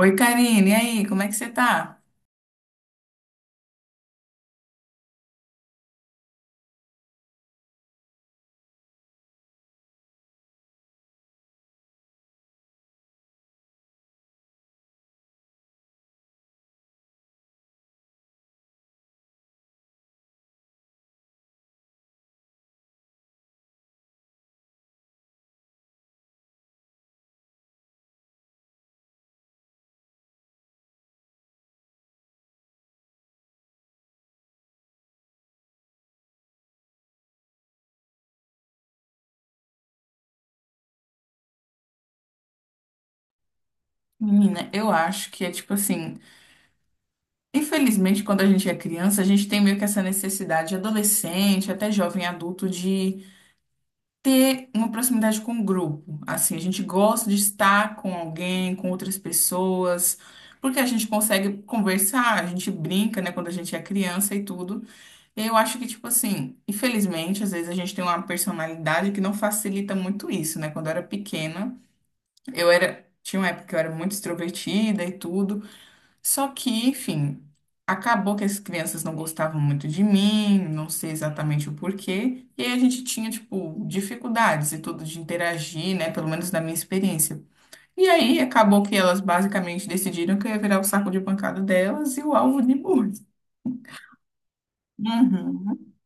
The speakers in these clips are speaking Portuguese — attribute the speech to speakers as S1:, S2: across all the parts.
S1: Oi, Karine, e aí, como é que você tá? Menina, eu acho que é tipo assim, infelizmente, quando a gente é criança, a gente tem meio que essa necessidade, adolescente, até jovem adulto, de ter uma proximidade com o grupo. Assim, a gente gosta de estar com alguém, com outras pessoas, porque a gente consegue conversar, a gente brinca, né, quando a gente é criança e tudo. E eu acho que, tipo assim, infelizmente, às vezes a gente tem uma personalidade que não facilita muito isso, né? Quando eu era pequena. Tinha uma época que eu era muito extrovertida e tudo, só que, enfim, acabou que as crianças não gostavam muito de mim, não sei exatamente o porquê, e aí a gente tinha, tipo, dificuldades e tudo de interagir, né, pelo menos na minha experiência. E aí acabou que elas basicamente decidiram que eu ia virar o saco de pancada delas e o alvo de bullying. Uhum.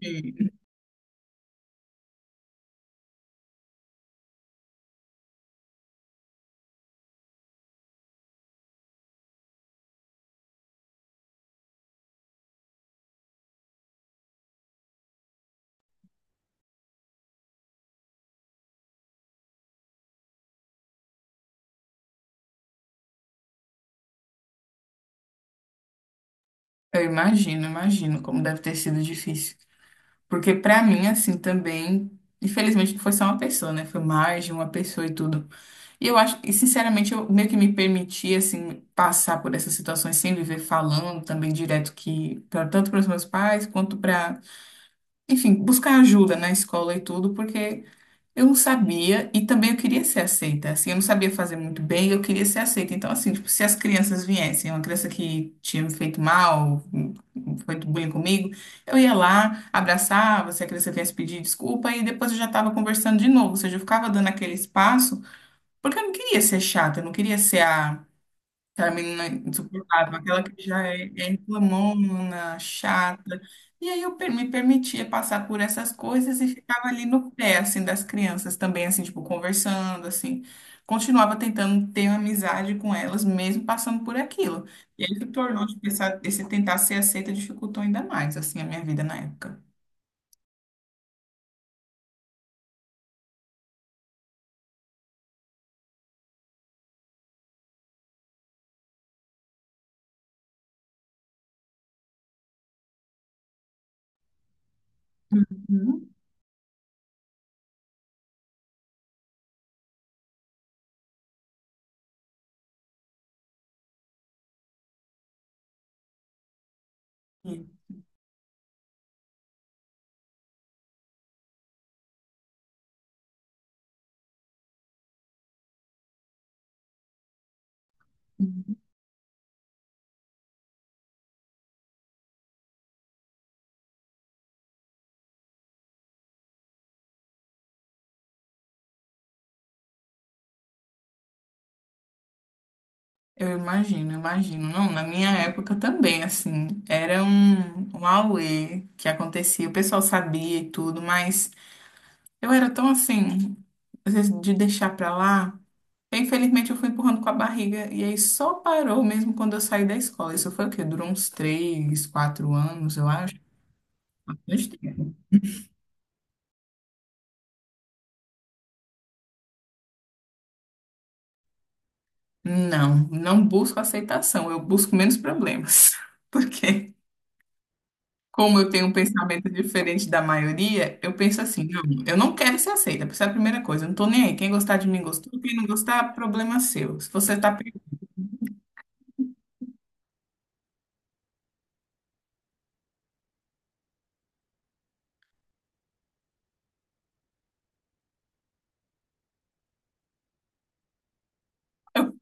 S1: E eu imagino, imagino como deve ter sido difícil. Porque pra mim, assim, também, infelizmente, não foi só uma pessoa, né? Foi mais de uma pessoa e tudo. E eu acho, e sinceramente, eu meio que me permiti, assim, passar por essas situações sem viver falando também direto que, pra, tanto para os meus pais quanto para, enfim, buscar ajuda na escola e tudo, porque eu não sabia e também eu queria ser aceita, assim, eu não sabia fazer muito bem, eu queria ser aceita. Então, assim, tipo, se as crianças viessem, uma criança que tinha me feito mal, feito bullying comigo, eu ia lá, abraçava, se a criança viesse pedir desculpa e depois eu já estava conversando de novo, ou seja, eu ficava dando aquele espaço porque eu não queria ser chata, eu não queria ser a, aquela menina insuportável, aquela que já é, é reclamona, chata. E aí me permitia passar por essas coisas e ficava ali no pé, assim, das crianças também, assim, tipo, conversando, assim. Continuava tentando ter uma amizade com elas, mesmo passando por aquilo. E aí se tornou, de pensar, esse tentar ser aceita dificultou ainda mais, assim, a minha vida na época. Uhum. Eu imagino, eu imagino. Não, na minha época também, assim, era um auê que acontecia, o pessoal sabia e tudo, mas eu era tão assim, às vezes, de deixar pra lá. Eu, infelizmente, eu fui empurrando com a barriga, e aí só parou mesmo quando eu saí da escola. Isso foi o quê? Durou uns três, quatro anos, eu acho. Bastante tempo. Não, não busco aceitação, eu busco menos problemas. Por quê? Como eu tenho um pensamento diferente da maioria, eu penso assim, não, eu não quero ser aceita, essa é a primeira coisa, eu não tô nem aí, quem gostar de mim gostou, quem não gostar, problema seu. Se você tá, per-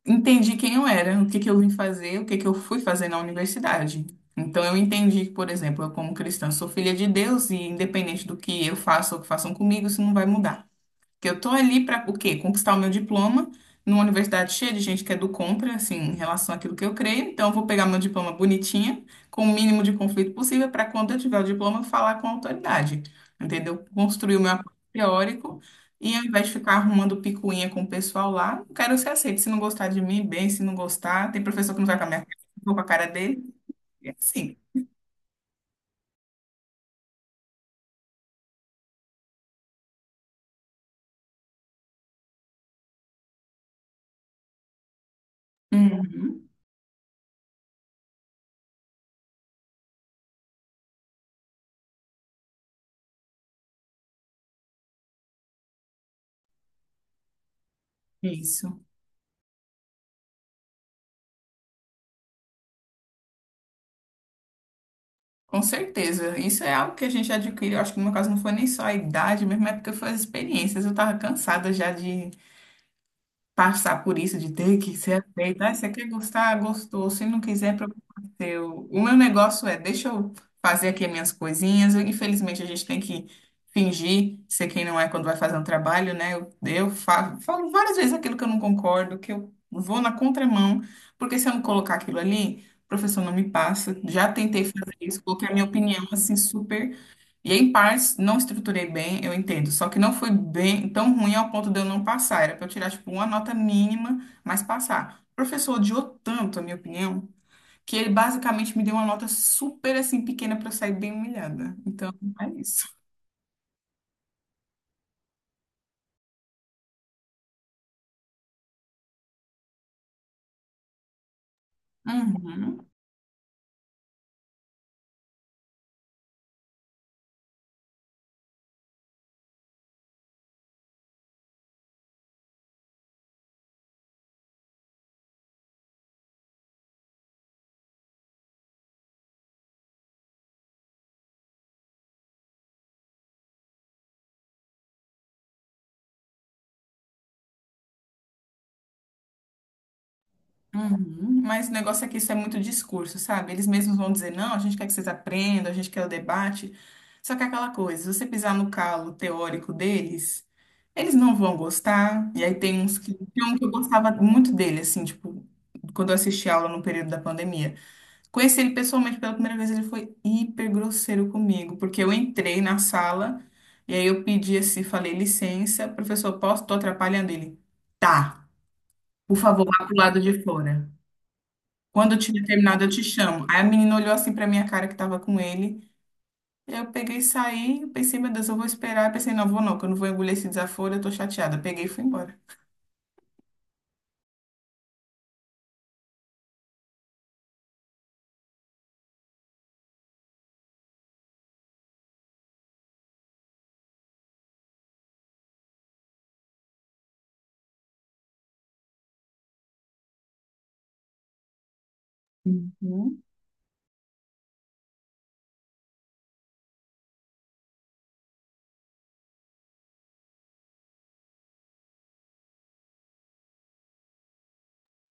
S1: Entendi quem eu era, o que que eu vim fazer, o que que eu fui fazer na universidade. Então eu entendi que, por exemplo, eu como cristã sou filha de Deus e independente do que eu faça ou que façam comigo, isso não vai mudar. Que eu tô ali para o quê? Conquistar o meu diploma numa universidade cheia de gente que é do contra, assim, em relação àquilo que eu creio. Então, eu vou pegar meu diploma bonitinha, com o mínimo de conflito possível, para quando eu tiver o diploma, eu falar com a autoridade, entendeu? Construir o meu apoio teórico e ao invés de ficar arrumando picuinha com o pessoal lá, eu quero ser aceito. Se não gostar de mim, bem, se não gostar, tem professor que não vai com a minha cara, eu vou com a cara dele, é assim. Uhum. Isso. Com certeza. Isso é algo que a gente adquire. Eu acho que no meu caso não foi nem só a idade mesmo, é porque foi as experiências. Eu tava cansada já de passar por isso de ter que ser aceito. Ah, você quer gostar? Gostou. Se não quiser, problema seu. O meu negócio é, deixa eu fazer aqui as minhas coisinhas. Infelizmente, a gente tem que fingir ser quem não é quando vai fazer um trabalho, né? Falo, várias vezes aquilo que eu não concordo, que eu vou na contramão, porque se eu não colocar aquilo ali, o professor não me passa. Já tentei fazer isso, coloquei a minha opinião, assim, super e em partes, não estruturei bem, eu entendo. Só que não foi bem tão ruim ao ponto de eu não passar. Era para eu tirar, tipo, uma nota mínima, mas passar. O professor odiou tanto, a minha opinião, que ele basicamente me deu uma nota super, assim, pequena para eu sair bem humilhada. Então, é isso. Uhum, uhum. Mas o negócio é que isso é muito discurso, sabe? Eles mesmos vão dizer, não, a gente quer que vocês aprendam, a gente quer o debate. Só que é aquela coisa, se você pisar no calo teórico deles... Eles não vão gostar. E aí tem uns que. Tem um que eu gostava muito dele, assim, tipo, quando eu assisti aula no período da pandemia. Conheci ele pessoalmente pela primeira vez, ele foi hiper grosseiro comigo, porque eu entrei na sala e aí eu pedi assim, falei, licença, professor, posso? Tô atrapalhando ele. Tá, por favor, vá pro lado de fora. Quando eu tiver terminado, eu te chamo. Aí a menina olhou assim pra minha cara que tava com ele. Eu peguei e saí, pensei, meu Deus, eu vou esperar. Pensei, não, vou não, que eu não vou engolir esse desaforo, eu tô chateada. Peguei e fui embora. Uhum.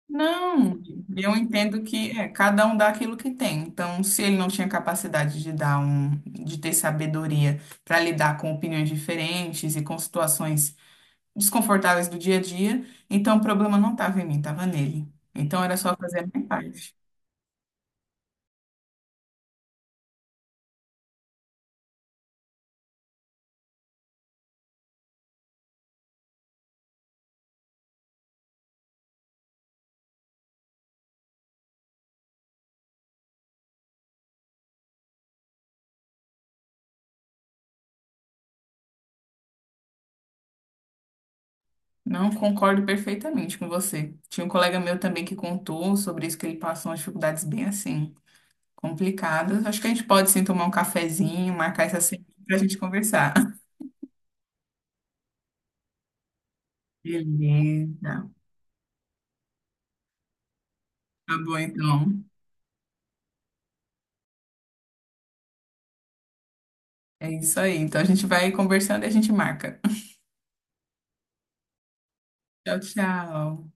S1: Não, eu entendo que é, cada um dá aquilo que tem. Então, se ele não tinha capacidade de dar um, de ter sabedoria para lidar com opiniões diferentes e com situações desconfortáveis do dia a dia, então o problema não estava em mim, estava nele. Então era só fazer a minha parte. Não concordo perfeitamente com você. Tinha um colega meu também que contou sobre isso que ele passou umas dificuldades bem assim, complicadas. Acho que a gente pode sim tomar um cafezinho, marcar essa semana para a gente conversar. Beleza. Tá bom, então. É isso aí. Então a gente vai conversando e a gente marca. Tchau, tchau.